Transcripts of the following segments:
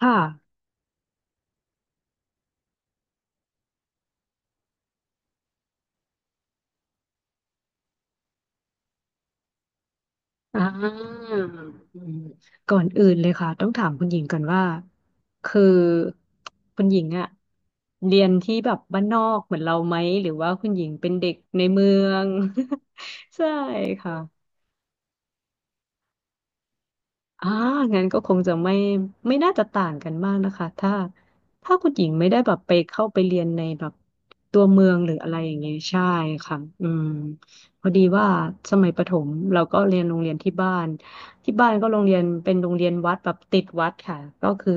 ค่ะอ่าอืมก่อนอื่นเลยค่ะต้องถามคุณหญิงก่อนว่าคือคุณหญิงอะเรียนที่แบบบ้านนอกเหมือนเราไหมหรือว่าคุณหญิงเป็นเด็กในเมือง ใช่ค่ะ อ่างั้นก็คงจะไม่น่าจะต่างกันมากนะคะถ้าคุณหญิงไม่ได้แบบไปเข้าไปเรียนในแบบตัวเมืองหรืออะไรอย่างเงี้ยใช่ค่ะ อืมพอดีว่าสมัยประถมเราก็เรียนโรงเรียนที่บ้านที่บ้านก็โรงเรียนเป็นโรงเรียนวัดแบบติดวัดค่ะก็คือ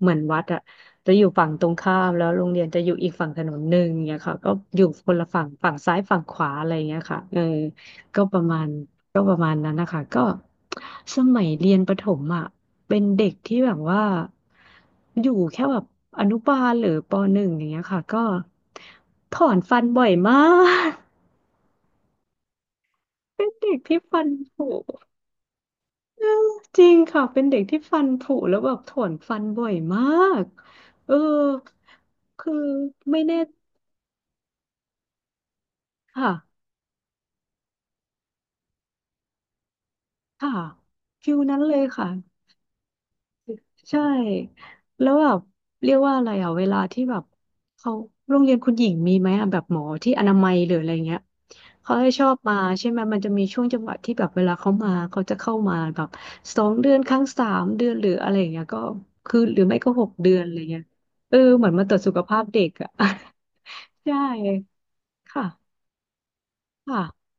เหมือนวัดอะจะอยู่ฝั่งตรงข้ามแล้วโรงเรียนจะอยู่อีกฝั่งถนนหนึ่งเนี่ยค่ะก็อยู่คนละฝั่งฝั่งซ้ายฝั่งขวาอะไรอย่างเงี้ยค่ะเออก็ประมาณ ก็ประมาณนั้นนะคะก็สมัยเรียนประถมอ่ะเป็นเด็กที่แบบว่าอยู่แค่แบบอนุบาลหรือปหนึ่งอย่างเงี้ยค่ะก็ถอนฟันบ่อยมากเด็กที่ฟันผุจริงค่ะเป็นเด็กที่ฟันผุแล้วแบบถอนฟันบ่อยมากเออคือไม่แน่ค่ะค่ะฟิลนั้นเลยค่ะ ใช่แล้วแบบเรียกว่าอะไรอ่ะเวลาที่แบบเขาโรงเรียนคุณหญิงมีไหมอ่ะแบบหมอที่อนามัยหรืออะไรเงี้ยเขาให้ชอบมาใช่ไหมมันจะมีช่วงจังหวะที่แบบเวลาเขามาเขาจะเข้ามาแบบสองเดือนครั้งสามเดือนหรืออะไรอย่างเงี้ยก็คือหรือไม่ก็หกเดือนอะไรเงี้ยเออเหมือนมาตรวจสุขภาพเด็กอ่ะ ใช่ค่ะค่ะ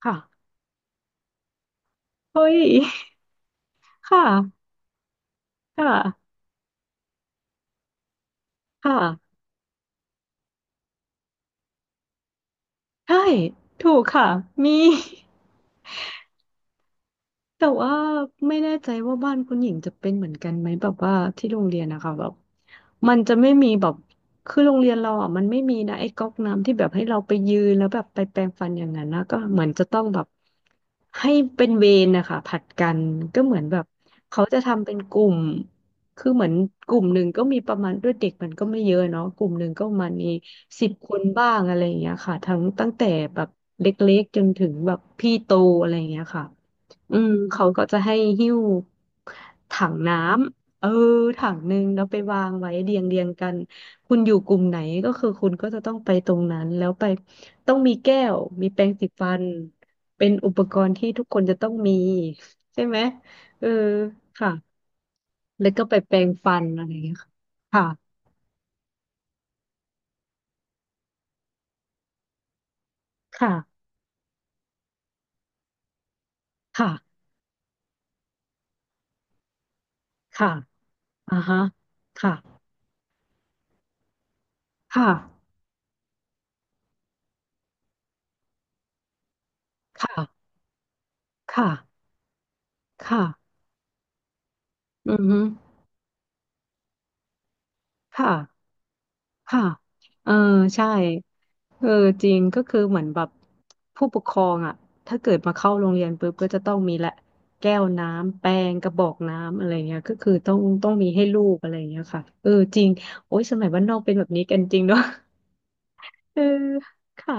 ค่ะเฮ้ยค่ะค่ะค่ะใช่ถูกค่ะมี แต่ว่าไม่แน่ใจว่าบ้านคุณหญิงจะเป็นเหมือนกันไหมแบบว่าที่โรงเรียนนะคะแบบมันจะไม่มีแบบคือโรงเรียนเราอ่ะมันไม่มีนะไอ้ก๊อกน้ำที่แบบให้เราไปยืนแล้วแบบไปแปรงฟันอย่างนั้นนะก็เหมือนจะต้องแบบให้เป็นเวรนะคะผลัดกันก็เหมือนแบบเขาจะทำเป็นกลุ่มคือเหมือนกลุ่มหนึ่งก็มีประมาณด้วยเด็กมันก็ไม่เยอะเนาะกลุ่มหนึ่งก็ประมาณมีสิบคนบ้างอะไรอย่างเงี้ยค่ะทั้งตั้งแต่แบบเล็กๆจนถึงแบบพี่โตอะไรอย่างเงี้ยค่ะ อืมเขาก็จะให้หิ้วถังน้ำเออถังหนึ่งแล้วไปวางไว้เรียงกันคุณอยู่กลุ่มไหนก็คือคุณก็จะต้องไปตรงนั้นแล้วไปต้องมีแก้วมีแปรงสีฟันเป็นอุปกรณ์ที่ทุกคนจะต้องมีใช่ไหมเออค่ะแล้วก็ไปแปรงฟันอะไรอย่างเงี้ยค่ะค่ะค่ะค่ะอ่าฮะค่ะค่ะค่ะค่ะค่ะอือฮึค่ะค่ะเออใช่ เออจริงก็คือเหมือนแบบผู้ปกครองอ่ะถ้าเกิดมาเข้าโรงเรียนปุ๊บก็จะต้องมีแหละแก้วน้ำแปรงกระบอกน้ำอะไรเงี้ยก็คือต้องมีให้ลูกอะไรเงี้ยค่ะเออจริงโอ้ยสมัยบ้านนอกเป็นแบบนี้กันจริงเนาะ เออค่ะ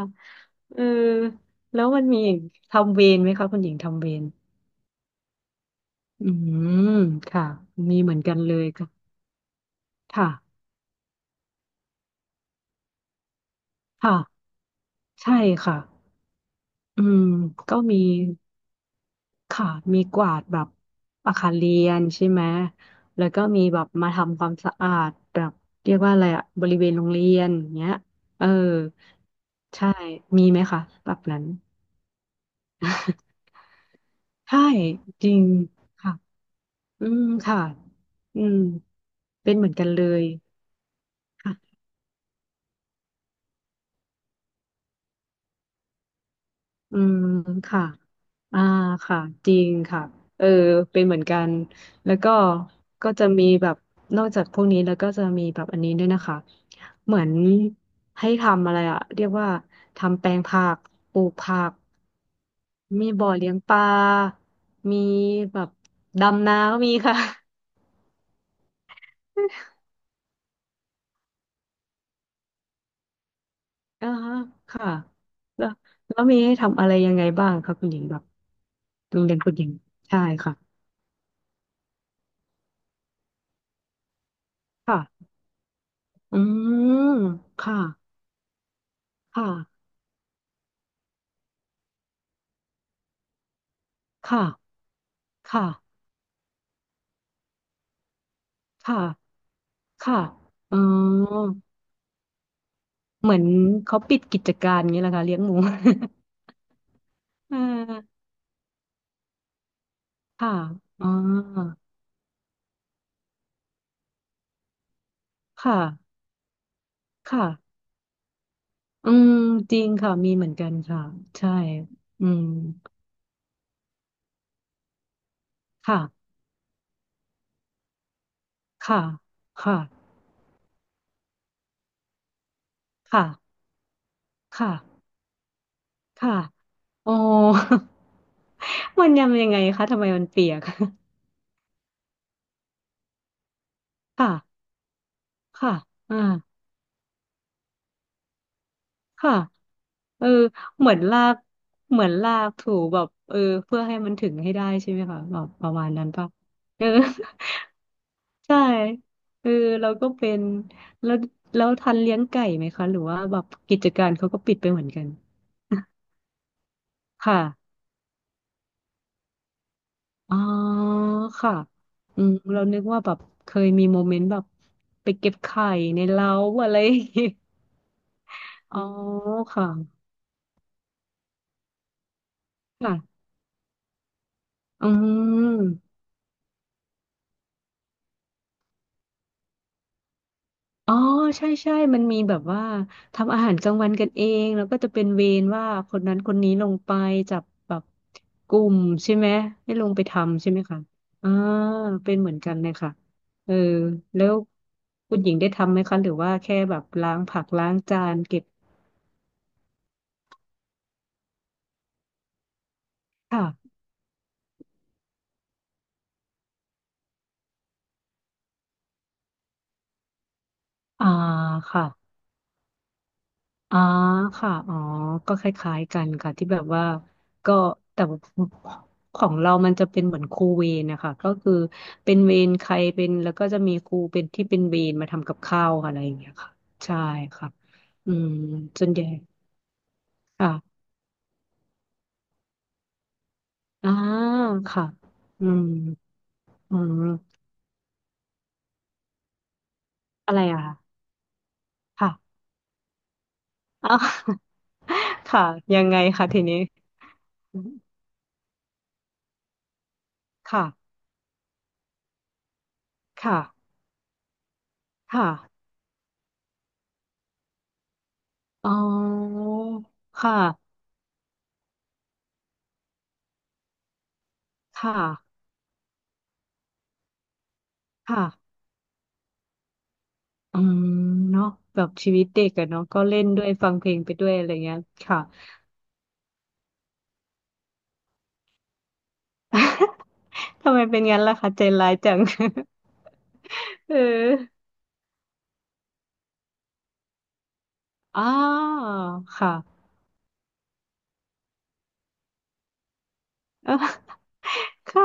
เออแล้วมันมีอีกทำเวรไหมคะคุณหญิงทำเวรอืมค่ะมีเหมือนกันเลยค่ะค่ะค่ะใช่ค่ะอืมก็มี ค่ะมีกวาดแบบอาคารเรียนใช่ไหมแล้วก็มีแบบมาทำความสะอาดแบบเรียกว่าอะไรอะบริเวณโรงเรียนอย่างเงี้ยเออใช่มีไหมคะแบบนั้นใช่จริงค่ะอืมค่ะอืมเป็นเหมือนกันเลยค่ะ อืมค่ะอ่าค่ะจริงค่ะเออเป็นเหมือนกันแล้วก็ก็จะมีแบบนอกจากพวกนี้แล้วก็จะมีแบบอันนี้ด้วยนะคะเหมือนให้ทำอะไรอะเรียกว่าทำแปลงผักปลูกผักมีบ่อเลี้ยงปลามีแบบดำนาก็มีค่ะ อ่าฮะค่ะแล้วแล้วมีให้ทำอะไรยังไงบ้างคะคุณหญิงแบบโรงเรียนคุณหญิงใช่ค่ะค่ะอืมค่ะค่ะ ค่ะค่ะค่ะค่ะอ๋อเหมือนเขาปิดกิจการอย่างี้และค่ะเลี้ยงหมู เออค่ะอ๋อค่ะค่ะอืม จริงค่ะ มีเหมือนกันค่ะ ใช่ อืมค่ะค่ะค่ะค่ะค่ะค่ะอ๋อ มันยำยังไงคะทำไมมันเปียก ค่ะค่ะอ่าค่ะ เออเหมือนลากถูแบบเออเพื่อให้มันถึงให้ได้ใช่ไหมคะแบบประมาณนั้นป่ะเออ ใช่เออเราก็เป็นแล้วทันเลี้ยงไก่ไหมคะหรือว่าแบบกิจการเขาก็ปิดไปเหมือนกัน ค่ะอ๋อค่ะอืมเรานึกว่าแบบเคยมีโมเมนต์แบบไปเก็บไข่ในเล้าอะไรอย่างงี้ อ๋อค่ะค่ะอืม อ๋อใช่ใช่มันมีแบบว่าทำอาหารกลางวันกันเองแล้วก็จะเป็นเวรว่าคนนั้นคนนี้ลงไปจับแบบกลุ่มใช่ไหมให้ลงไปทำใช่ไหมคะอ่าเป็นเหมือนกันเลยค่ะเออแล้วคุณหญิงได้ทำไหมคะหรือว่าแค่แบบล้างผักล้างจานเก็บค่ะอ่าค่ะ อ๋อค่ะอ๋อก็คล้ายๆกันค่ะที่แบบว่าก็แต่ของเรามันจะเป็นเหมือนครูเวรนะคะก็คือเป็นเวรใครเป็นแล้วก็จะมีครูเป็นที่เป็นเวรมาทำกับข้าวค่ะอะไรอย่างเงี้ยค่ะใช่ค่ะอืมส่วนใหญ่ค่ะอ่าค่ะอืมอืมอะไรอ่ะค่ะอ๋อ ค่ะยังไงคะทีนี้ค่ะค่ะค่ะอ๋อค่ะค่ะค่ะ อืมเนาะแบบชีวิตเด็กอะเนาะก็เล่นด้วยฟังเพลงไปด้วยอะไรเงี้ยค่ะ ทำไมเป็นงั้นล่ะคะใจร้ายจัง เอออ๋าค่ะ เออค่ะ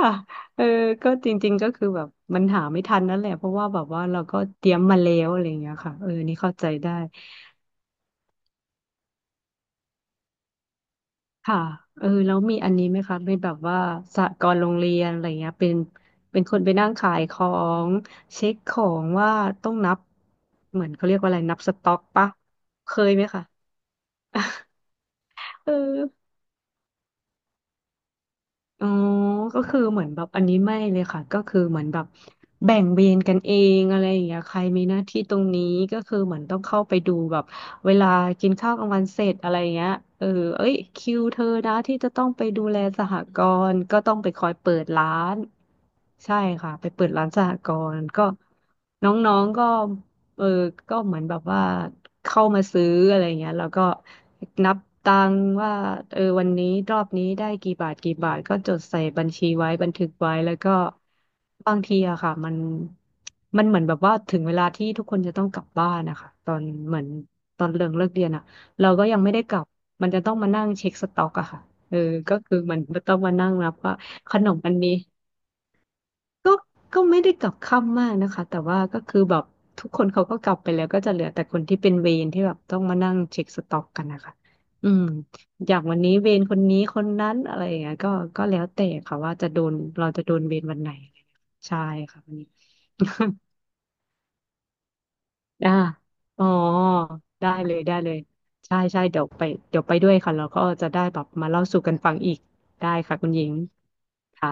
เออก็จริงๆก็คือแบบมันหาไม่ทันนั่นแหละเพราะว่าแบบว่าเราก็เตรียมมาแล้วอะไรเงี้ยค่ะเออนี่เข้าใจได้ ค่ะเออแล้วมีอันนี้ไหมคะเป็นแบบว่าสหกรณ์โรงเรียนอะไรเงี้ยเป็นคนไปนั่งขายของเช็คของว่าต้องนับเหมือนเขาเรียกว่าอะไรนับสต็อกปะเคยไหมคะเออ อ๋อก็คือเหมือนแบบอันนี้ไม่เลยค่ะ ก็คือเหมือนแบบแบ่งเวรกันเองอะไรอย่างเงี้ยใครมีหน้าที่ตรงนี้ ก็คือเหมือนต้องเข้าไปดูแบบเวลากินข้าวกลางวันเสร็จอะไรอย่างเงี้ยเออเอ้ยคิวเธอนะที่จะต้องไปดูแลสหกรณ์ก็ต้องไปคอยเปิดร้านใช่ค่ะไปเปิดร้านสหกรณ์ก็น้องๆก็ เออก็เหมือนแบบว่าเข้ามาซื้ออะไรเงี้ยแล้วก็นับตังค์ว่าเออวันนี้รอบนี้ได้กี่บาทกี่บาทก็จดใส่บัญชีไว้บันทึกไว้แล้วก็บางทีอะค่ะมันเหมือนแบบว่าถึงเวลาที่ทุกคนจะต้องกลับบ้านนะคะตอนเหมือนตอนเลิกเรียนอะเราก็ยังไม่ได้กลับมันจะต้องมานั่งเช็คสต็อกอะค่ะเออก็คือมันต้องมานั่งนับว่าขนมอันนี้ ก็ก็ไม่ได้กลับค่ำมากนะคะแต่ว่าก็คือแบบทุกคนเขาก็กลับไปแล้วก็จะเหลือแต่คนที่เป็นเวรที่แบบต้องมานั่งเช็คสต็อกกันนะคะอืมอย่างวันนี้เวรคนนี้คนนั้นอะไรอย่างเงี้ยก็แล้วแต่ค่ะว่าจะโดนเราจะโดนเวรวันไหนใช่ค่ะวันนี้ อ่าอ๋อได้เลยได้เลยใช่ใช่เดี๋ยวไปเดี๋ยวไปด้วยค่ะเราก็จะได้แบบมาเล่าสู่กันฟังอีกได้ค่ะคุณหญิงค่ะ